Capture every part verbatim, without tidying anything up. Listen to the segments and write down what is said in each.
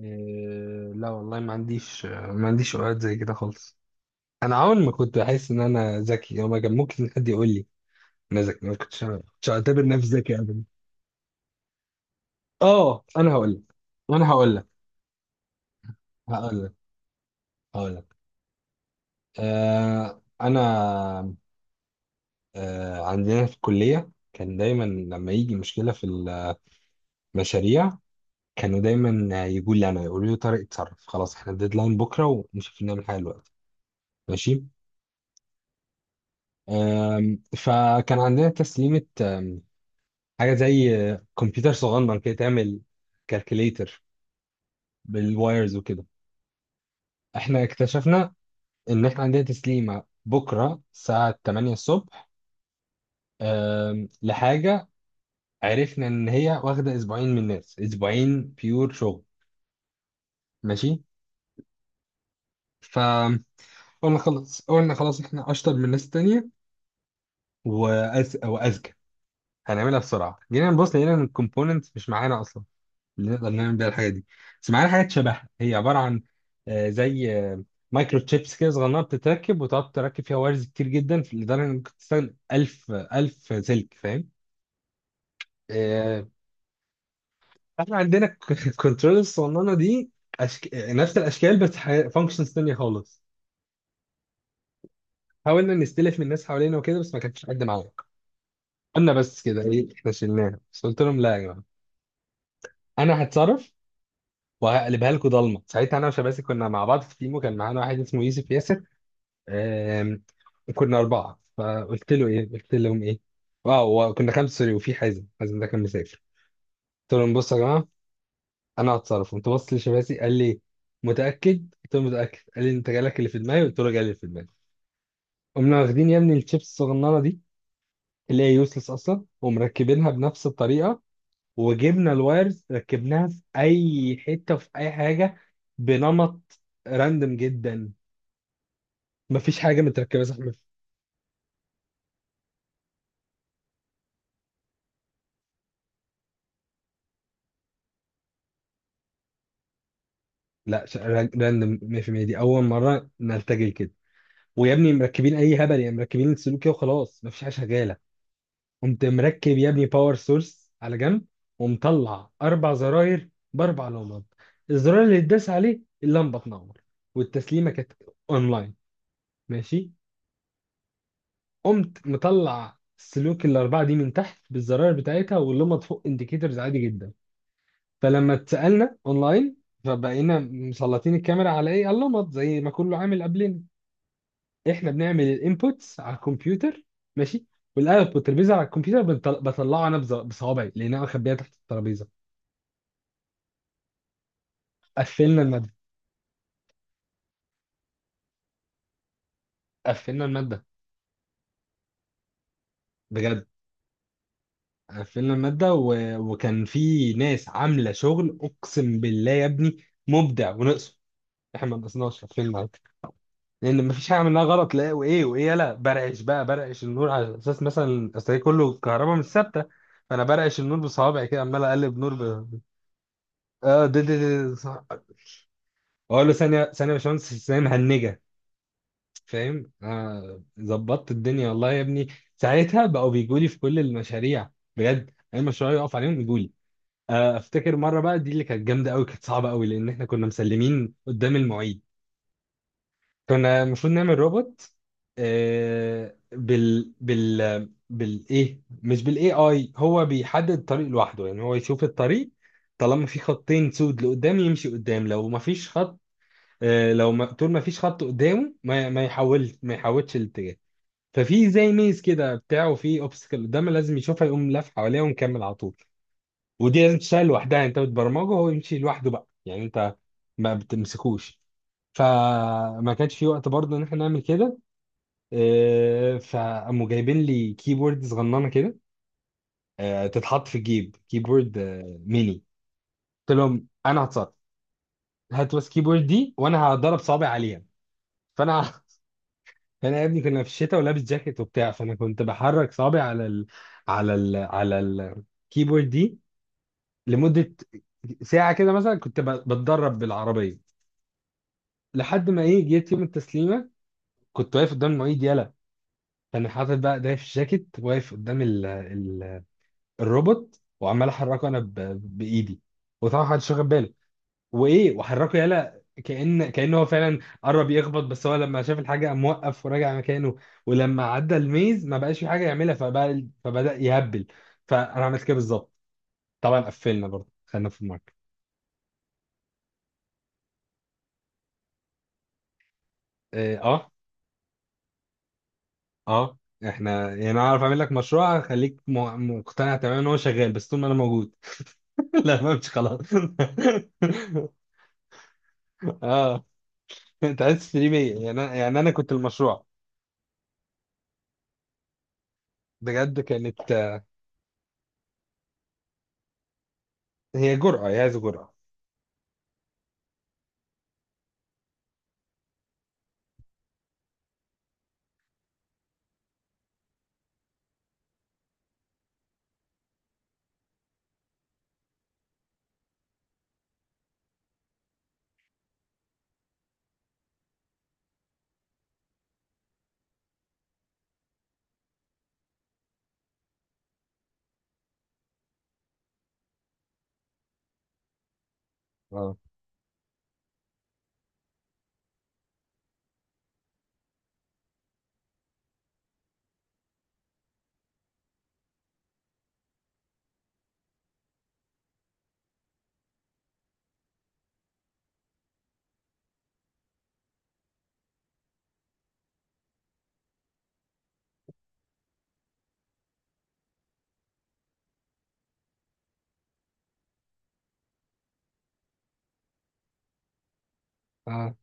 إيه. لا والله ما عنديش ما عنديش اوقات زي كده خالص. انا عمري ما كنت بحس ان انا ذكي او ما كان ممكن حد يقول لي انا ذكي. ما كنتش أنا- كنتش اعتبر نفسي ذكي ابدا. اه، انا هقول لك انا هقول لك هقول لك هقول لك آه انا آه عندنا في الكليه كان دايما لما يجي مشكله في المشاريع، كانوا دايما يقولوا لي انا يقولوا لي طارق، اتصرف خلاص، احنا الديدلاين بكره، ومش عارفين نعمل حاجه دلوقتي. ماشي. آم، فكان عندنا تسليمه حاجه زي كمبيوتر صغنن كده تعمل كالكوليتر بالوايرز وكده. احنا اكتشفنا ان احنا عندنا تسليمه بكره الساعه تمانية الصبح، أم، لحاجه عرفنا ان هي واخده اسبوعين من الناس، اسبوعين بيور شغل. ماشي. فقلنا خلاص، قلنا خلاص احنا اشطر من الناس التانيه وأز... واذكى، هنعملها بسرعه. جينا نبص لقينا ان الكومبوننتس مش معانا اصلا اللي نقدر نعمل بيها الحاجه دي، بس معانا حاجات شبهها. هي عباره عن آه، زي آه، مايكرو تشيبس كده صغننه، بتتركب وتقعد تركب فيها وايرز كتير جدا في- لدرجه انك ممكن تستخدم ألف ألف سلك، فاهم. آه، احنا عندنا الكنترول الصغننه دي أشك... نفس الاشكال بس فانكشنز تانية خالص. حاولنا نستلف من الناس حوالينا وكده بس ما كانش حد معانا. قلنا بس كده ايه، احنا شلناها. بس قلت لهم لا يا جماعه، انا هتصرف وهقلبها لكم ضلمه. ساعتها انا وشباسي كنا مع بعض في تيم، وكان معانا واحد اسمه يوسف ياسر. آم، كنا أربعة فقلت له إيه، قلت لهم إيه، اه وكنا خمسة، سوري، وفي حازم. حازم ده كان مسافر. قلت لهم بصوا يا جماعة، أنا هتصرف. قمت بص لشباسي قال لي متأكد؟ قلت له متأكد. قال لي أنت جالك اللي في دماغي؟ قلت له جالي اللي في دماغي. قمنا واخدين يا ابني الشيبس الصغننة دي اللي هي يوسلس أصلا، ومركبينها بنفس الطريقة. وجبنا الوايرز ركبناها في أي حتة وفي أي حاجة، بنمط راندم جدا، مفيش حاجة متركبة صح. لا ش- را- راندوم ميه في الميه، دي اول مره نرتجل كده. ويا ابني مركبين اي هبل يعني، مركبين السلوك كده وخلاص مفيش حاجه شغاله. قمت مركب يا ابني باور سورس على جنب، ومطلع اربع زراير باربع لمبات. الزرار اللي اتداس عليه اللمبه تنور. والتسليمه كانت اونلاين. ماشي. قمت مطلع السلوك الاربعه دي من تحت بالزراير بتاعتها واللمبه فوق انديكيتورز، عادي جدا. فلما اتسالنا اونلاين فبقينا مسلطين الكاميرا على ايه، على اللمبات، زي ما كله عامل قبلنا. احنا بنعمل الانبوتس على الكمبيوتر، ماشي، والاوتبوت اللي بيظهر على الكمبيوتر بنطل- بطلعه انا بز- بصوابعي، لان انا مخبيها تحت الترابيزه. قفلنا الماده. قفلنا الماده بجد. قفلنا الماده و... وكان في ناس عامله شغل اقسم بالله يا ابني، مبدع ونقصه. احنا ما نقصناش، قفلنا عادي. لان مفيش حاجه عملناها غلط. لا وايه، وايه يلا، برعش بقى، برعش النور على اساس مثلا اصل هي كله كهرباء مش ثابته. فانا برعش النور بصوابعي كده، عمال اقلب نور ب... اه ده ده ده اقول له ثانيه ثانيه يا باشمهندس، ثانيه مهنجه فاهم. آه، ظبطت الدنيا والله يا ابني. ساعتها بقوا بيجوا لي في كل المشاريع، بجد اي مشروع يقف عليهم يجوا لي. آه، افتكر مره بقى دي اللي كانت جامده قوي، كانت صعبه قوي، لان احنا كنا مسلمين قدام المعيد. كنا المفروض نعمل روبوت آه، بال بال بالايه مش بالاي اي، هو بيحدد الطريق لوحده يعني، هو يشوف الطريق. طالما في خطين سود لقدام يمشي قدام. لو ما فيش خط، آه، لو ما طول ما فيش خط قدامه ما ما يحول ما يحولش الاتجاه. ففي زي ميز كده بتاعه، وفي اوبستكل قدامه لازم يشوفها يقوم لف حواليها ومكمل على طول. ودي لازم تشتغل لوحدها، انت بتبرمجه وهو يمشي لوحده بقى يعني، انت ما بتمسكوش. فما كانش في وقت برضه ان احنا نعمل كده. آه، فقاموا جايبين لي كيبورد صغننه كده، آه، تتحط في الجيب، كيبورد آه، ميني. قلت لهم انا هتصرف، هات بس كيبورد دي وانا هضرب صوابعي عليها. فانا انا يا ابني كنا في الشتاء ولابس جاكيت وبتاع، فانا كنت بحرك صابعي على ال... على ال... على الكيبورد دي لمده ساعه كده مثلا، كنت ب... بتدرب بالعربيه، لحد ما ايه، جيت يوم التسليمه. كنت واقف قدام المعيد يلا، فانا حاطط بقى ايديا في الجاكيت واقف قدام ال... ال... الروبوت، وعمال احركه انا ب... بايدي. وطبعا محدش واخد باله، وايه وحركه يالا، كأن كأنه هو فعلا قرب يخبط، بس هو لما شاف الحاجه قام موقف وراجع مكانه. ولما عدى الميز ما بقاش في حاجه يعملها فبقى فبدأ يهبل، فانا عملت كده بالظبط. طبعا قفلنا برضه، خلينا في الماركت. اه. اه. آه. احنا يعني انا اعرف اعمل لك مشروع هخليك م- مقتنع تماما ان هو شغال، بس طول ما انا موجود. لا، ما مش خلاص. اه. انت عايز تشتري بيا، يعني انا يعني انا كنت المشروع. بجد كانت، هي جرأة، هي عايزة جرأة. اه. اه.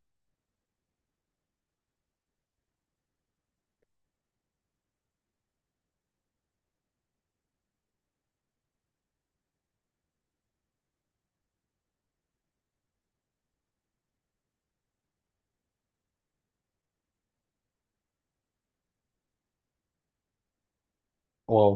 واو.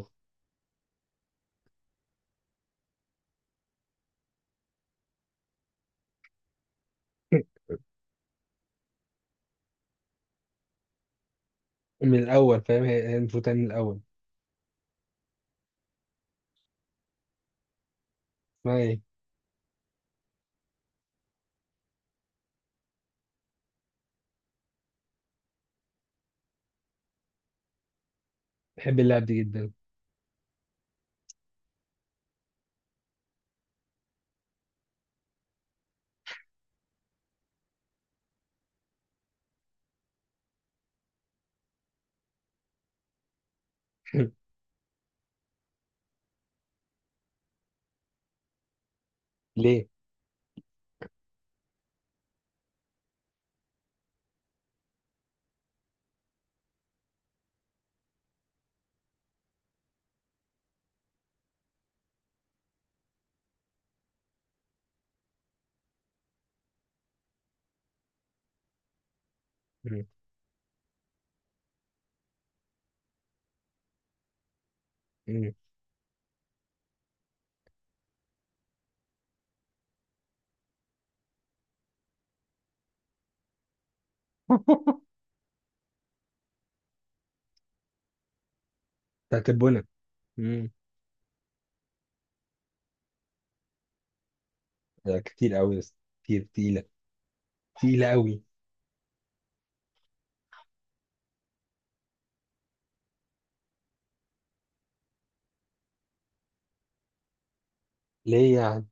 من الاول فاهم، هي هي المفروض تعمل من الاول. اسمها ايه؟ بحب اللعب دي جدا. ليه؟ مم. مم. بتاعت البنا. مم. لا، كتير قوي بس. كتير تقيله. تقيله قوي. ليه يعني؟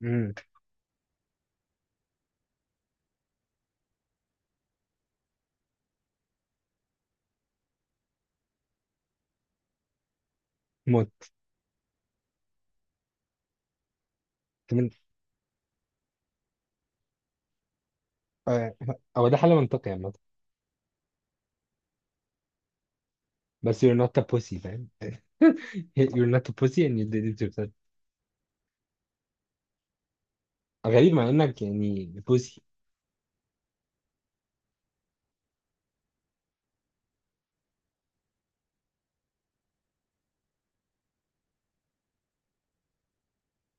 مم. موت. كمان. آه، هو ده حل منطقي عامه. بس you're not a pussy فاهم. you're not a pussy and you did it yourself. غريب مع انك يعني pussy.